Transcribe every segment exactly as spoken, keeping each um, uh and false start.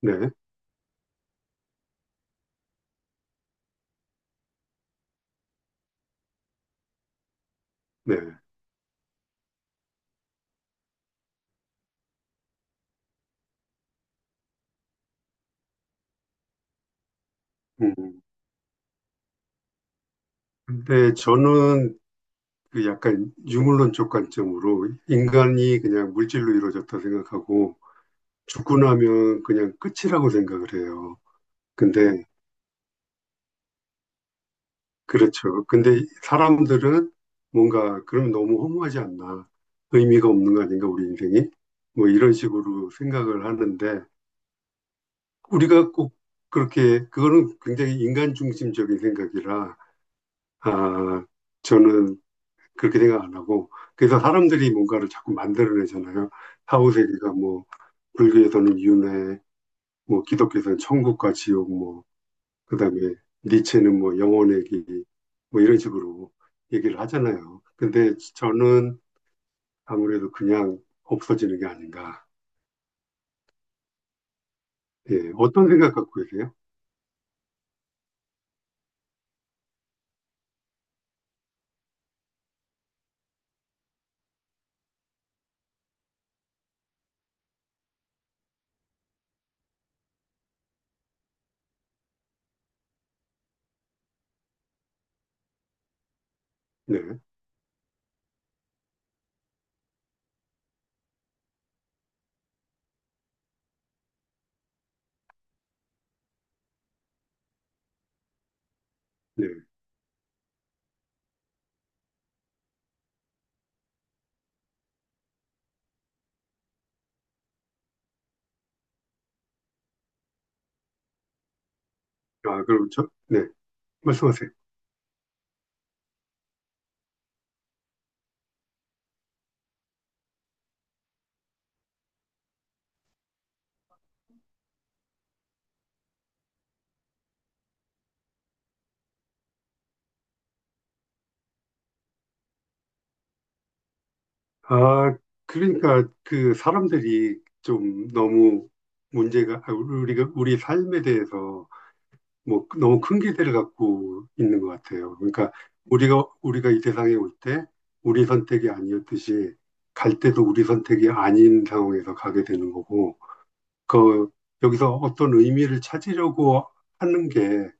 네, 네. 음, 근데 저는 그 약간 유물론적 관점으로 인간이 그냥 물질로 이루어졌다 생각하고 죽고 나면 그냥 끝이라고 생각을 해요. 근데, 그렇죠. 근데 사람들은 뭔가 그럼 너무 허무하지 않나. 의미가 없는 거 아닌가, 우리 인생이? 뭐 이런 식으로 생각을 하는데 우리가 꼭 그렇게, 그거는 굉장히 인간 중심적인 생각이라, 아, 저는 그렇게 생각 안 하고 그래서 사람들이 뭔가를 자꾸 만들어내잖아요. 사후세계가 뭐 불교에서는 윤회, 뭐 기독교에서는 천국과 지옥, 뭐 그다음에 니체는 뭐 영혼의 길, 뭐 이런 식으로 얘기를 하잖아요. 근데 저는 아무래도 그냥 없어지는 게 아닌가. 예, 어떤 생각 갖고 계세요? 네, 네. 아, 그럼 저, 네, 말씀하세요. 아, 그러니까 그 사람들이 좀 너무 문제가 아, 우리가 우리 삶에 대해서 뭐 너무 큰 기대를 갖고 있는 것 같아요. 그러니까 우리가 우리가 이 세상에 올 때 우리 선택이 아니었듯이 갈 때도 우리 선택이 아닌 상황에서 가게 되는 거고 그 여기서 어떤 의미를 찾으려고 하는 게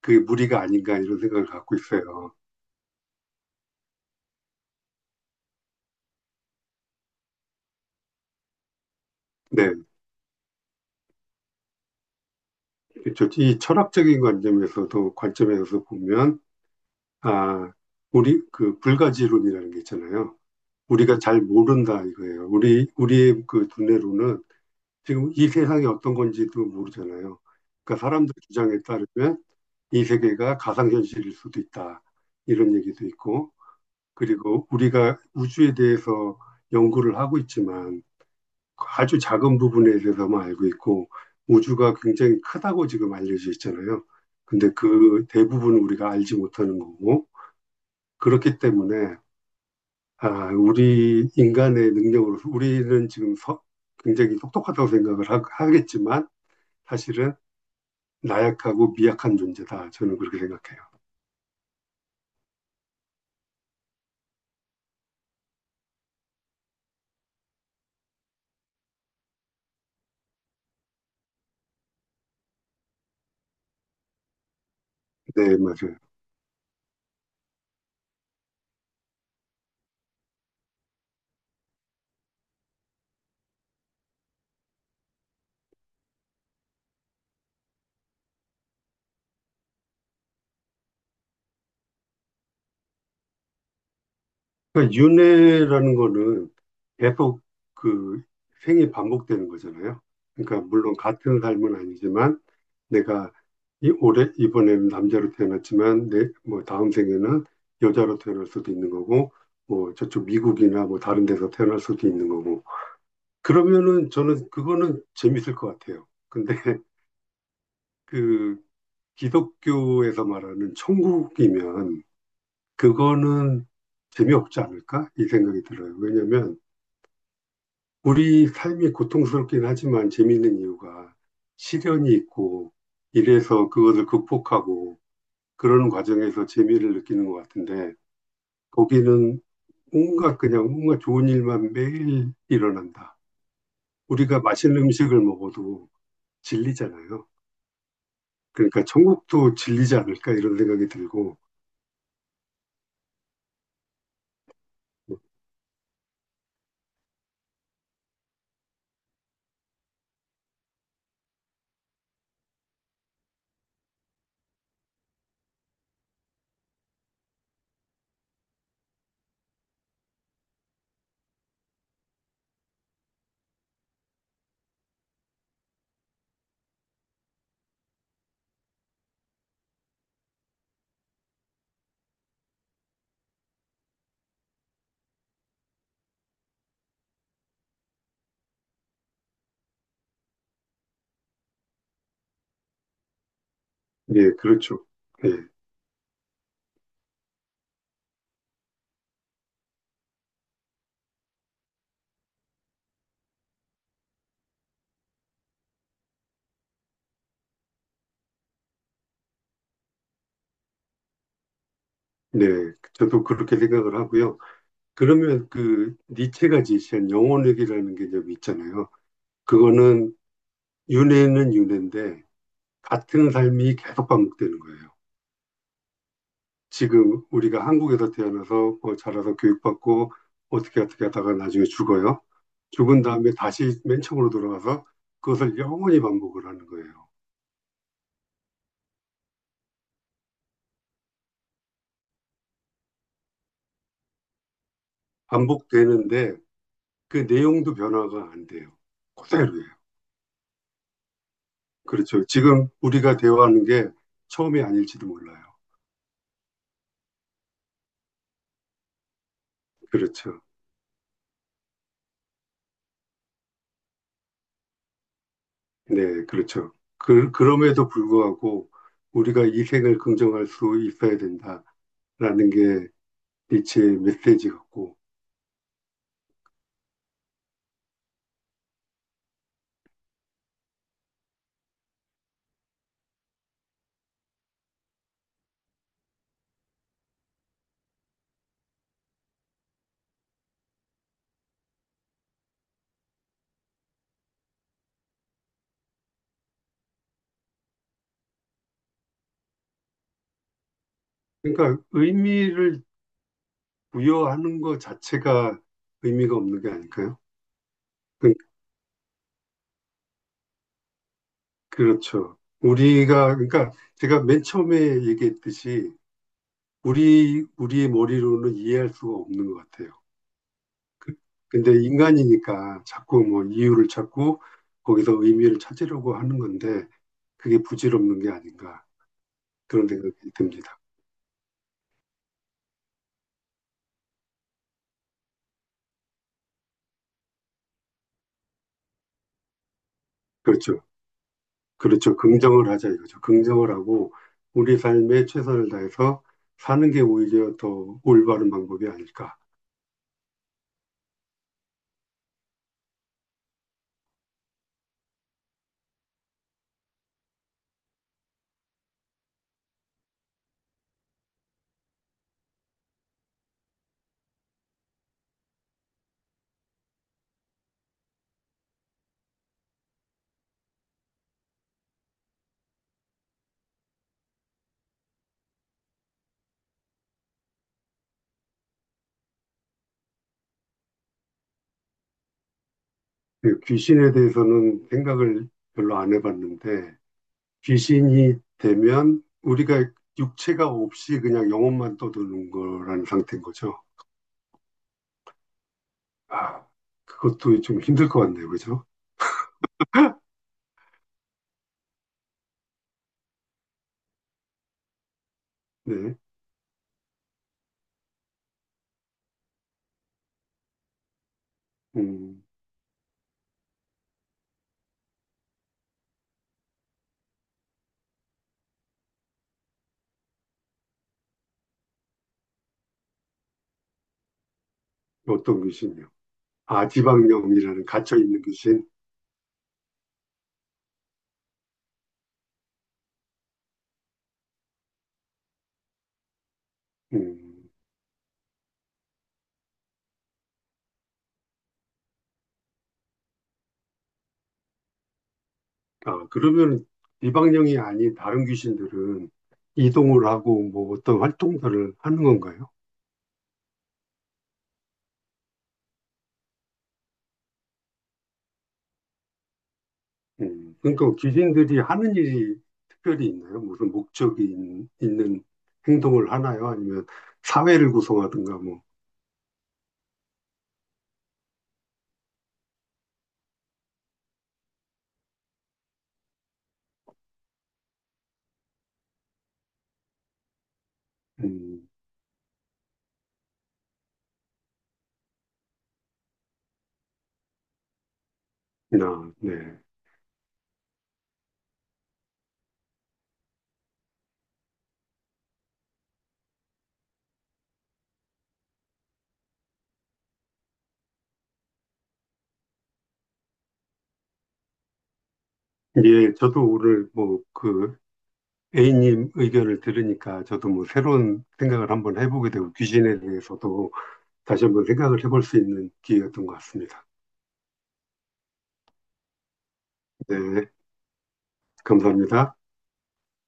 그게 무리가 아닌가 이런 생각을 갖고 있어요. 네, 그렇죠. 이 철학적인 관점에서도 관점에서 보면 아 우리 그 불가지론이라는 게 있잖아요. 우리가 잘 모른다 이거예요. 우리 우리의 그 두뇌로는 지금 이 세상이 어떤 건지도 모르잖아요. 그러니까 사람들 주장에 따르면 이 세계가 가상현실일 수도 있다. 이런 얘기도 있고, 그리고 우리가 우주에 대해서 연구를 하고 있지만 아주 작은 부분에 대해서만 알고 있고, 우주가 굉장히 크다고 지금 알려져 있잖아요. 근데 그 대부분은 우리가 알지 못하는 거고, 그렇기 때문에, 아, 우리 인간의 능력으로서 우리는 지금 서- 굉장히 똑똑하다고 생각을 하- 하겠지만, 사실은 나약하고 미약한 존재다. 저는 그렇게 생각해요. 네, 맞아요. 그러니까 윤회라는 거는 계속 그 생이 반복되는 거잖아요. 그러니까 물론 같은 삶은 아니지만 내가 이 올해 이번에는 남자로 태어났지만 내 뭐 다음 생에는 여자로 태어날 수도 있는 거고 뭐 저쪽 미국이나 뭐 다른 데서 태어날 수도 있는 거고 그러면은 저는 그거는 재밌을 것 같아요. 근데 그 기독교에서 말하는 천국이면 그거는 재미없지 않을까? 이 생각이 들어요. 왜냐면 우리 삶이 고통스럽긴 하지만 재미있는 이유가 시련이 있고 이래서 그것을 극복하고 그러는 과정에서 재미를 느끼는 것 같은데 거기는 뭔가 그냥 뭔가 좋은 일만 매일 일어난다. 우리가 맛있는 음식을 먹어도 질리잖아요. 그러니까 천국도 질리지 않을까 이런 생각이 들고 예, 그렇죠. 예, 네, 저도 그렇게 생각을 하고요. 그러면 그 니체가 제시한 영혼회귀라는 개념이 있잖아요. 그거는 윤회는 윤회인데 같은 삶이 계속 반복되는 거예요. 지금 우리가 한국에서 태어나서 뭐 자라서 교육받고 어떻게 어떻게 하다가 나중에 죽어요. 죽은 다음에 다시 맨 처음으로 돌아가서 그것을 영원히 반복을 하는 거예요. 반복되는데 그 내용도 변화가 안 돼요. 그대로예요. 그렇죠. 지금 우리가 대화하는 게 처음이 아닐지도 몰라요. 그렇죠. 네, 그렇죠. 그, 그럼에도 불구하고 우리가 이 생을 긍정할 수 있어야 된다라는 게 니체의 메시지 같고. 그러니까 의미를 부여하는 것 자체가 의미가 없는 게 아닐까요? 그, 그렇죠. 우리가, 그러니까 제가 맨 처음에 얘기했듯이 우리, 우리의 머리로는 이해할 수가 없는 것 같아요. 근데 인간이니까 자꾸 뭐 이유를 찾고 거기서 의미를 찾으려고 하는 건데 그게 부질없는 게 아닌가. 그런 생각이 듭니다. 그렇죠. 그렇죠. 긍정을 하자 이거죠. 긍정을 하고 우리 삶에 최선을 다해서 사는 게 오히려 더 올바른 방법이 아닐까. 그 귀신에 대해서는 생각을 별로 안 해봤는데 귀신이 되면 우리가 육체가 없이 그냥 영혼만 떠드는 거라는 상태인 거죠. 아, 그것도 좀 힘들 것 같네요. 그죠? 네. 음, 어떤 귀신이요? 아, 지방령이라는 갇혀있는 귀신. 음. 아, 그러면 이방령이 아닌 다른 귀신들은 이동을 하고 뭐 어떤 활동들을 하는 건가요? 음, 그러니까 귀신들이 하는 일이 특별히 있나요? 무슨 목적이 있- 있는 행동을 하나요? 아니면 사회를 구성하든가 뭐, 음, 아, 네. 예, 저도 오늘 뭐 그 A님 의견을 들으니까 저도 뭐 새로운 생각을 한번 해보게 되고 귀신에 대해서도 다시 한번 생각을 해볼 수 있는 기회였던 것 같습니다. 네, 감사합니다.